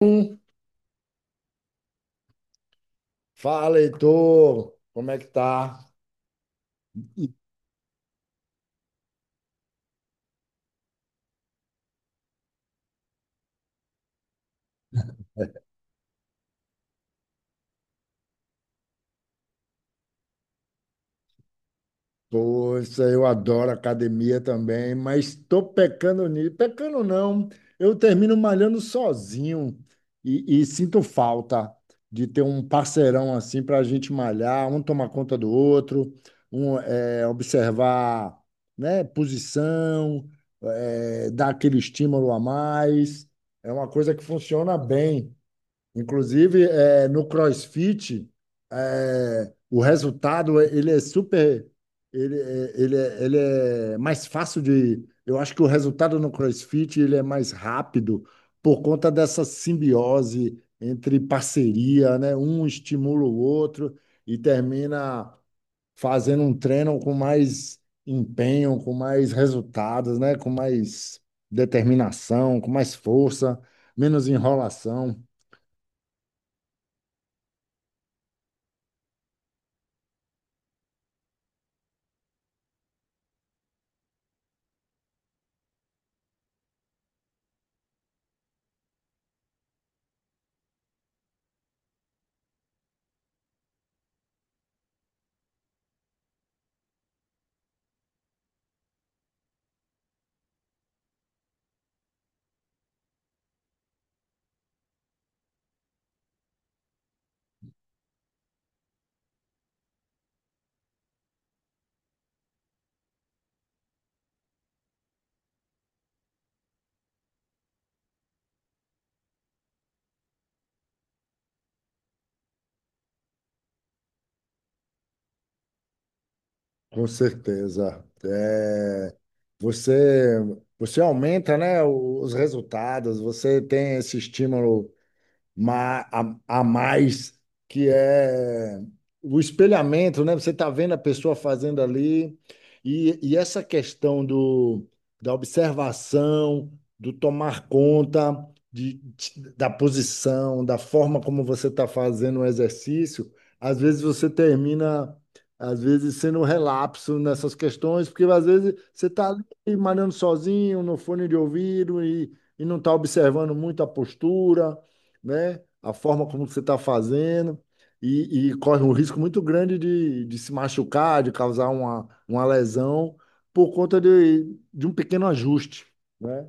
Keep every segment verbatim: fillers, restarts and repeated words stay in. Hum, Fala, Heitor, como é que tá? Poxa, eu adoro academia também, mas tô pecando nisso. Pecando não, eu termino malhando sozinho e, e sinto falta de ter um parceirão assim para a gente malhar, um tomar conta do outro, um eh, observar, né, posição, eh, dar aquele estímulo a mais. É uma coisa que funciona bem. Inclusive, é, no CrossFit, é, o resultado ele é super, ele, é- ele, é- ele é mais fácil de. Eu acho que o resultado no CrossFit ele é mais rápido por conta dessa simbiose entre parceria, né? Um estimula o outro e termina fazendo um treino com mais empenho, com mais resultados, né? Com mais determinação, com mais força, menos enrolação. Com certeza. É, você, você aumenta, né, os resultados, você tem esse estímulo ma- a, a mais, que é o espelhamento, né? Você está vendo a pessoa fazendo ali, e, e essa questão do, da observação, do tomar conta de, de- da posição, da forma como você está fazendo o exercício, às vezes você termina. Às vezes sendo um relapso nessas questões, porque às vezes você está ali malhando sozinho, no fone de ouvido, e, e não está observando muito a postura, né? A forma como você está fazendo e, e corre um risco muito grande de, de se machucar, de causar uma, uma lesão por conta de, de um pequeno ajuste, né?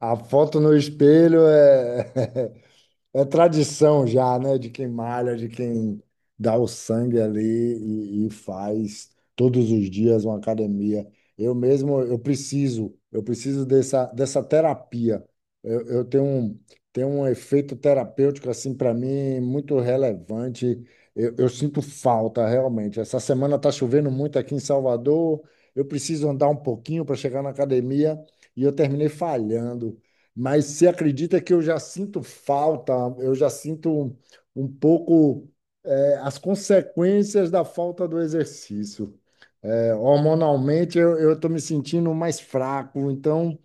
A foto no espelho é, é tradição já, né? De quem malha, de quem dá o sangue ali e, e faz todos os dias uma academia. Eu mesmo, eu preciso, eu preciso dessa, dessa terapia. Eu, eu tenho um, tenho um efeito terapêutico, assim, para mim, muito relevante. Eu, eu sinto falta, realmente. Essa semana está chovendo muito aqui em Salvador. Eu preciso andar um pouquinho para chegar na academia e eu terminei falhando. Mas você acredita que eu já sinto falta, eu já sinto um, um pouco eh, as consequências da falta do exercício. Eh, hormonalmente, eu estou me sentindo mais fraco, então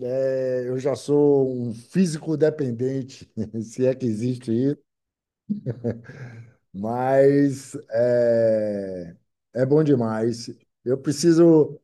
eh, eu já sou um físico dependente, se é que existe isso, mas eh, é bom demais. Eu preciso.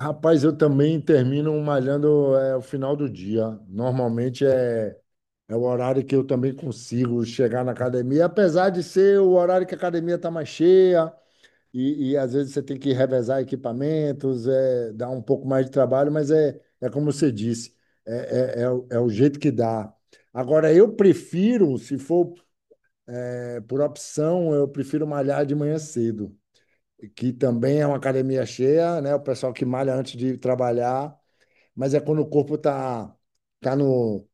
Rapaz, eu também termino malhando eh, o final do dia. Normalmente é É o horário que eu também consigo chegar na academia, apesar de ser o horário que a academia está mais cheia e, e às vezes você tem que revezar equipamentos, é, dá um pouco mais de trabalho, mas é, é como você disse, é, é, é, o, é o jeito que dá. Agora, eu prefiro, se for, é, por opção, eu prefiro malhar de manhã cedo, que também é uma academia cheia, né? O pessoal que malha antes de trabalhar, mas é quando o corpo está tá tá no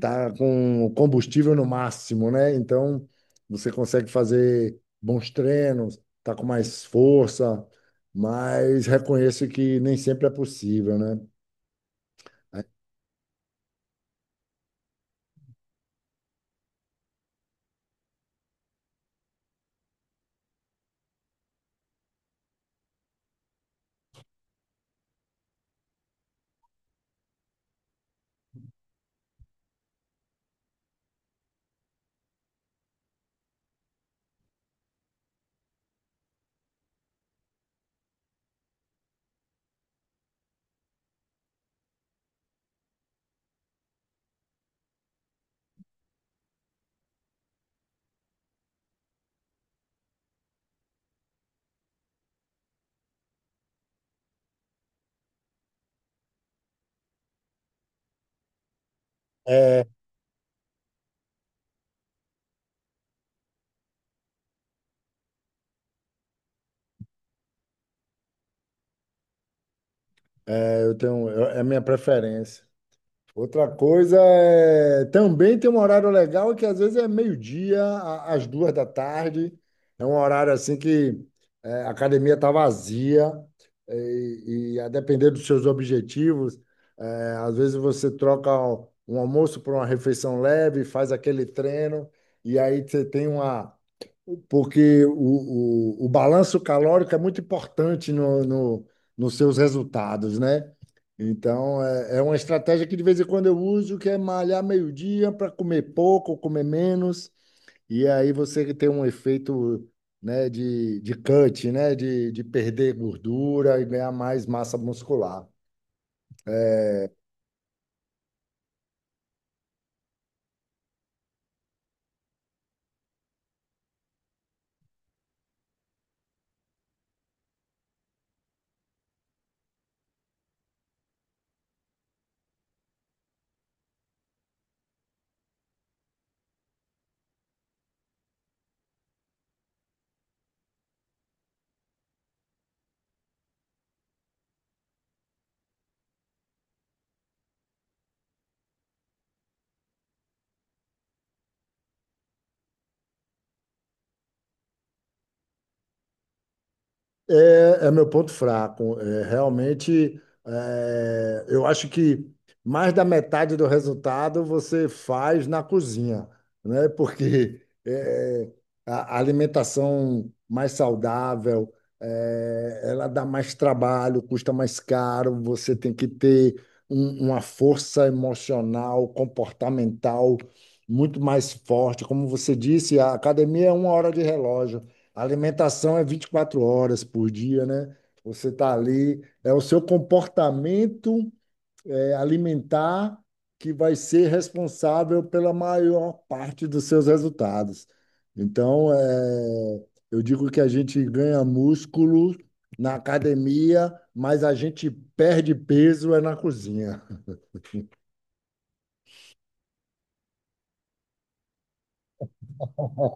tá com o combustível no máximo, né? Então você consegue fazer bons treinos, tá com mais força, mas reconheço que nem sempre é possível, né? É, é, eu tenho, eu- é a minha preferência. Outra coisa é também tem um horário legal que às vezes é meio-dia, a- às duas da tarde. É um horário assim que é, a academia está vazia e, e a depender dos seus objetivos, é, às vezes você troca um um almoço por uma refeição leve, faz aquele treino e aí você tem uma porque o, o, o balanço calórico é muito importante no, no, nos seus resultados, né? Então, é, é uma estratégia que de vez em quando eu uso, que é malhar meio-dia para comer pouco, comer menos, e aí você tem um efeito, né, de, de cut, né, de, de perder gordura e ganhar mais massa muscular. É, é meu ponto fraco. É, realmente, é, eu acho que mais da metade do resultado você faz na cozinha, né? Porque é, a a alimentação mais saudável, é, ela dá mais trabalho, custa mais caro, você tem que ter um- uma força emocional, comportamental muito mais forte. Como você disse, a academia é uma hora de relógio. A alimentação é vinte e quatro horas por dia, né? Você está ali, é o seu comportamento é, alimentar que vai ser responsável pela maior parte dos seus resultados. Então, é, eu digo que a gente ganha músculo na academia, mas a gente perde peso é na cozinha.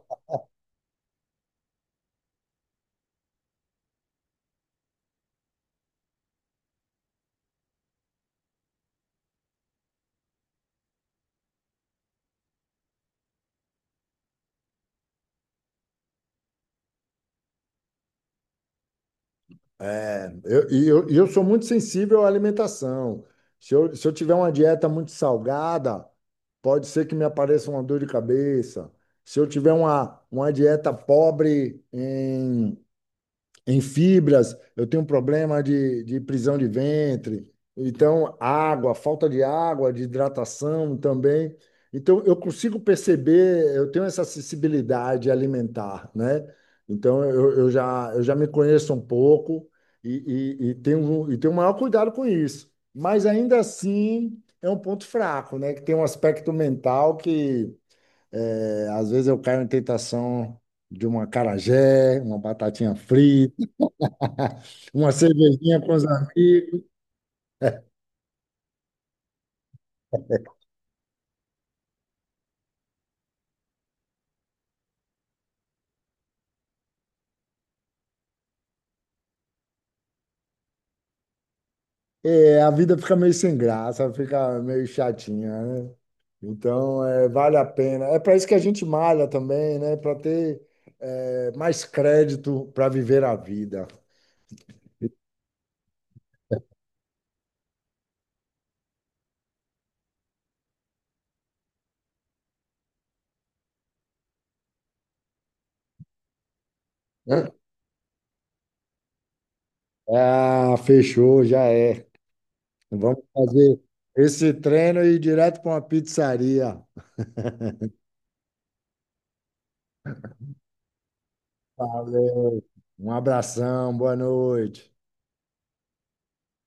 É, eu, e eu, e eu sou muito sensível à alimentação. Se eu, se eu tiver uma dieta muito salgada, pode ser que me apareça uma dor de cabeça. Se eu tiver uma, uma dieta pobre em fibras, eu tenho um problema de, de prisão de ventre, então água, falta de água, de hidratação também. Então eu consigo perceber, eu tenho essa sensibilidade alimentar, né? Então eu, eu já, eu já me conheço um pouco e, e, e tenho, e tenho o maior cuidado com isso. Mas ainda assim é um ponto fraco, né? Que tem um aspecto mental que eh, às vezes eu caio em tentação de uma acarajé, uma batatinha frita. Uma cervejinha com os amigos, é, a vida fica meio sem graça, fica meio chatinha, né? Então, é, vale a pena. É para isso que a gente malha também, né? Para ter, é, mais crédito para viver a vida. Hã? Ah, fechou, já é. Vamos fazer esse treino e ir direto para uma pizzaria. Valeu, um abração, boa noite.